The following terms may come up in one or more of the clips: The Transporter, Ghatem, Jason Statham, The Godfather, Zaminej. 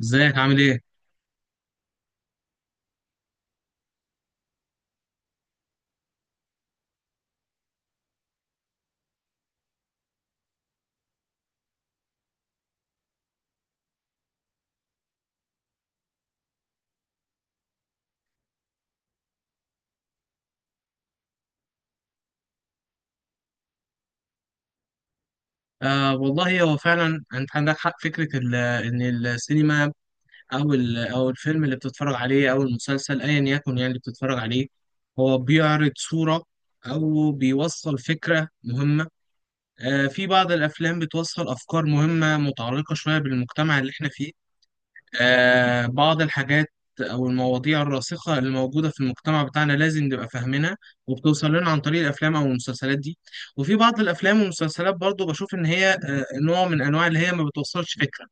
ازيك عامل ايه؟ آه والله، هو فعلا انت عندك حق. فكره ان السينما او الفيلم اللي بتتفرج عليه او المسلسل ايا يكن، يعني اللي بتتفرج عليه هو بيعرض صوره او بيوصل فكره مهمه. في بعض الافلام بتوصل افكار مهمه متعلقه شويه بالمجتمع اللي احنا فيه. بعض الحاجات أو المواضيع الراسخة اللي موجودة في المجتمع بتاعنا لازم نبقى فاهمينها، وبتوصل لنا عن طريق الأفلام أو المسلسلات دي. وفي بعض الأفلام والمسلسلات برضو بشوف إن هي نوع من أنواع اللي هي ما بتوصلش فكرة،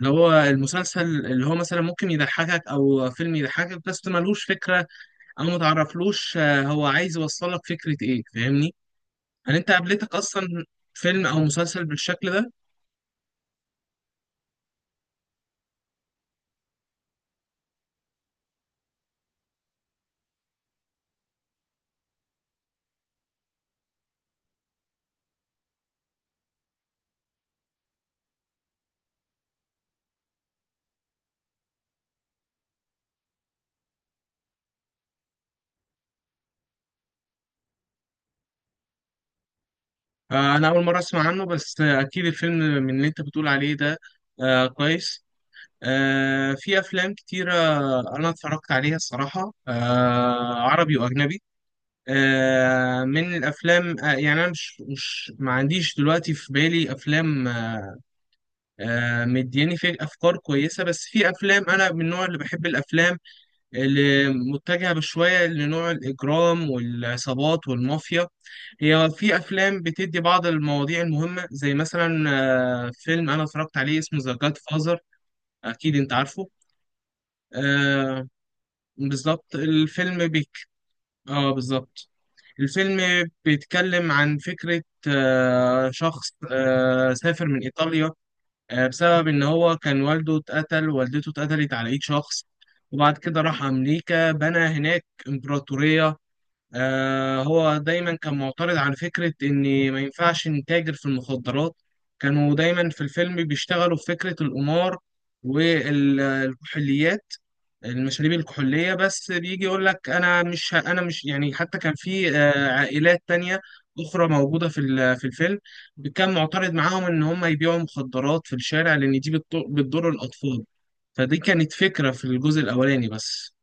اللي هو المسلسل اللي هو مثلا ممكن يضحكك أو فيلم يضحكك بس ملهوش فكرة، أو متعرفلوش هو عايز يوصلك فكرة إيه، فاهمني؟ هل أنت قابلتك أصلا فيلم أو مسلسل بالشكل ده؟ أنا أول مرة أسمع عنه، بس أكيد الفيلم من اللي أنت بتقول عليه ده. كويس. في أفلام كتيرة أنا اتفرجت عليها الصراحة، عربي وأجنبي. من الأفلام يعني أنا مش ما عنديش دلوقتي في بالي أفلام مدياني فيه أفكار كويسة. بس في أفلام، أنا من النوع اللي بحب الأفلام اللي متجهة بشوية لنوع الإجرام والعصابات والمافيا. هي في أفلام بتدي بعض المواضيع المهمة، زي مثلا فيلم أنا اتفرجت عليه اسمه ذا جاد فازر. أكيد أنت عارفه؟ آه، بالظبط. الفيلم بيك. آه، بالظبط. الفيلم بيتكلم عن فكرة شخص سافر من إيطاليا بسبب إن هو كان والده اتقتل، والدته اتقتلت على إيد شخص، وبعد كده راح أمريكا بنى هناك إمبراطورية. هو دايما كان معترض على فكرة إن ما ينفعش نتاجر في المخدرات. كانوا دايما في الفيلم بيشتغلوا في فكرة القمار والكحوليات، المشاريب الكحولية، بس بيجي يقول لك أنا مش، يعني حتى كان في عائلات تانية أخرى موجودة في الفيلم، كان معترض معاهم إن هم يبيعوا مخدرات في الشارع لأن دي بتضر الأطفال. فدي كانت فكرة في الجزء الأولاني بس.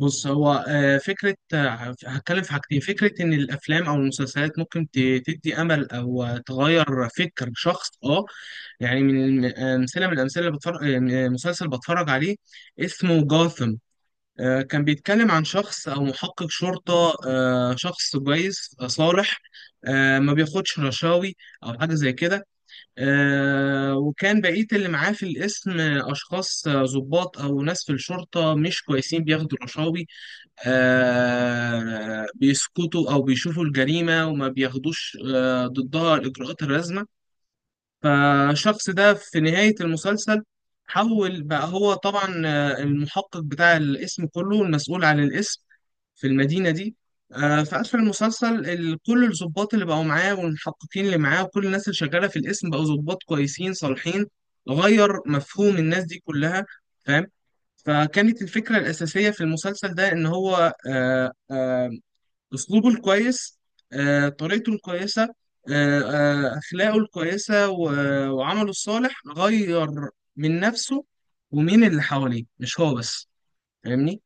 بص، هو فكرة هتكلم في حاجتين. فكرة إن الأفلام أو المسلسلات ممكن تدي أمل أو تغير فكر شخص. يعني من الم- آه، أمثلة، من الأمثلة اللي بتفرج مسلسل بتفرج عليه اسمه جاثم. كان بيتكلم عن شخص أو محقق شرطة، شخص كويس صالح، ما بياخدش رشاوي أو حاجة زي كده. وكان بقية اللي معاه في القسم أشخاص ضباط أو ناس في الشرطة مش كويسين، بياخدوا رشاوي، بيسكتوا أو بيشوفوا الجريمة وما بياخدوش ضدها الإجراءات اللازمة. فالشخص ده في نهاية المسلسل حول بقى، هو طبعا المحقق بتاع الاسم كله، المسؤول عن الاسم في المدينة دي. في آخر المسلسل كل الضباط اللي بقوا معاه والمحققين اللي معاه وكل الناس اللي شغالة في الاسم بقوا ضباط كويسين صالحين، غير مفهوم الناس دي كلها. فاهم؟ فكانت الفكرة الأساسية في المسلسل ده إن هو أسلوبه الكويس، طريقته الكويسة، أخلاقه الكويسة و- وعمله الصالح، غير من نفسه ومين اللي حواليه، مش هو بس. فاهمني؟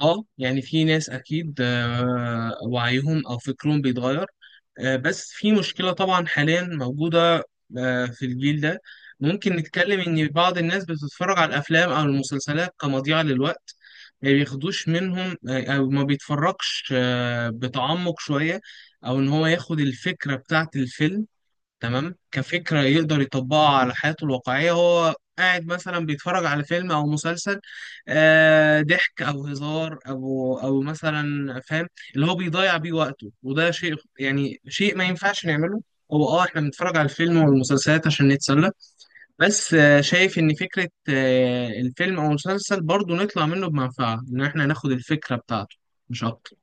اه، يعني في ناس اكيد وعيهم او فكرهم بيتغير. بس في مشكلة طبعا حاليا موجودة في الجيل ده. ممكن نتكلم إن بعض الناس بتتفرج على الأفلام أو المسلسلات كمضيعة للوقت، ما بياخدوش منهم أو ما بيتفرجش بتعمق شوية، أو إن هو ياخد الفكرة بتاعة الفيلم تمام كفكرة يقدر يطبقها على حياته الواقعية. هو قاعد مثلا بيتفرج على فيلم أو مسلسل ضحك أو هزار أو مثلا، فاهم، اللي هو بيضيع بيه وقته، وده شيء، يعني شيء ما ينفعش نعمله. هو احنا بنتفرج على الفيلم والمسلسلات عشان نتسلى، بس شايف ان فكرة الفيلم او المسلسل برضو نطلع منه بمنفعة، ان احنا ناخد الفكرة بتاعته، مش اكتر.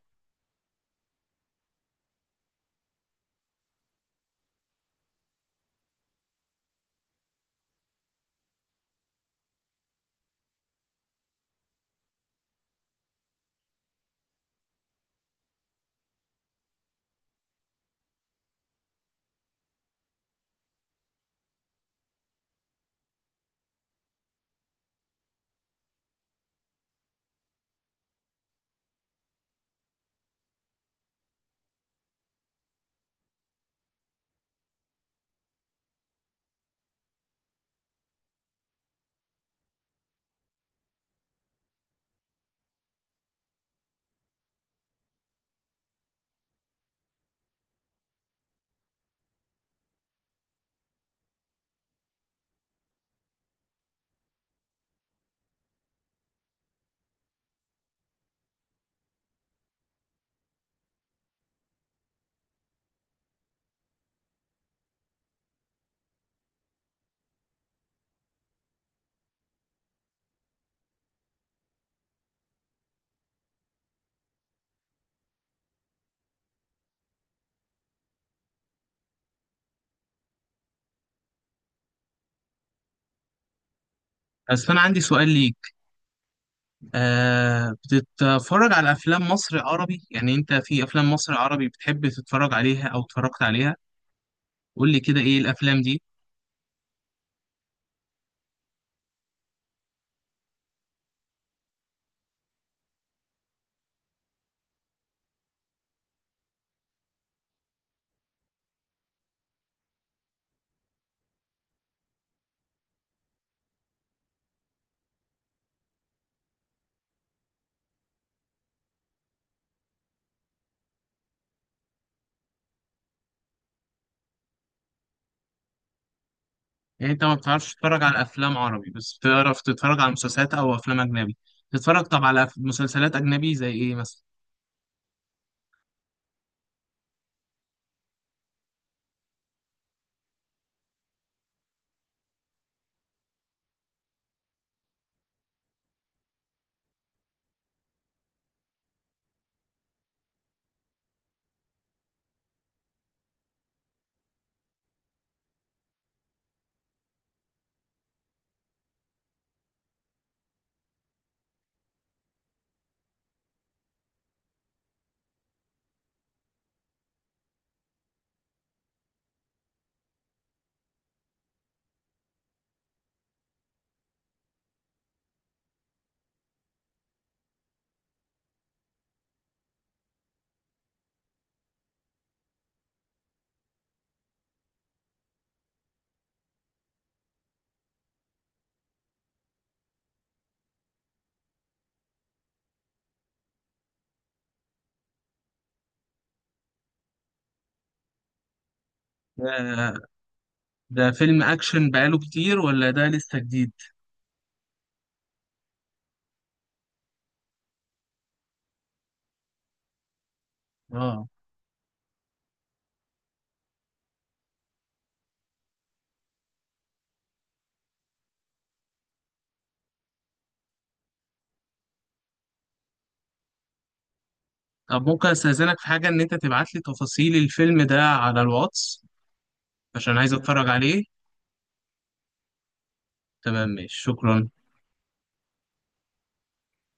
بس انا عندي سؤال ليك. بتتفرج على أفلام مصر عربي؟ يعني أنت في أفلام مصر عربي بتحب تتفرج عليها أو اتفرجت عليها؟ قول لي كده إيه الأفلام دي. يعني أنت ما بتعرفش تتفرج على أفلام عربي، بس بتعرف تتفرج على مسلسلات أو أفلام أجنبي. تتفرج طب على مسلسلات أجنبي زي إيه مثلا؟ ده, ده فيلم أكشن بقاله كتير ولا ده لسه جديد؟ آه. طب ممكن أستأذنك في حاجة، إن أنت تبعت لي تفاصيل الفيلم ده على الواتس عشان عايز أتفرج عليه. تمام، ماشي، شكرا.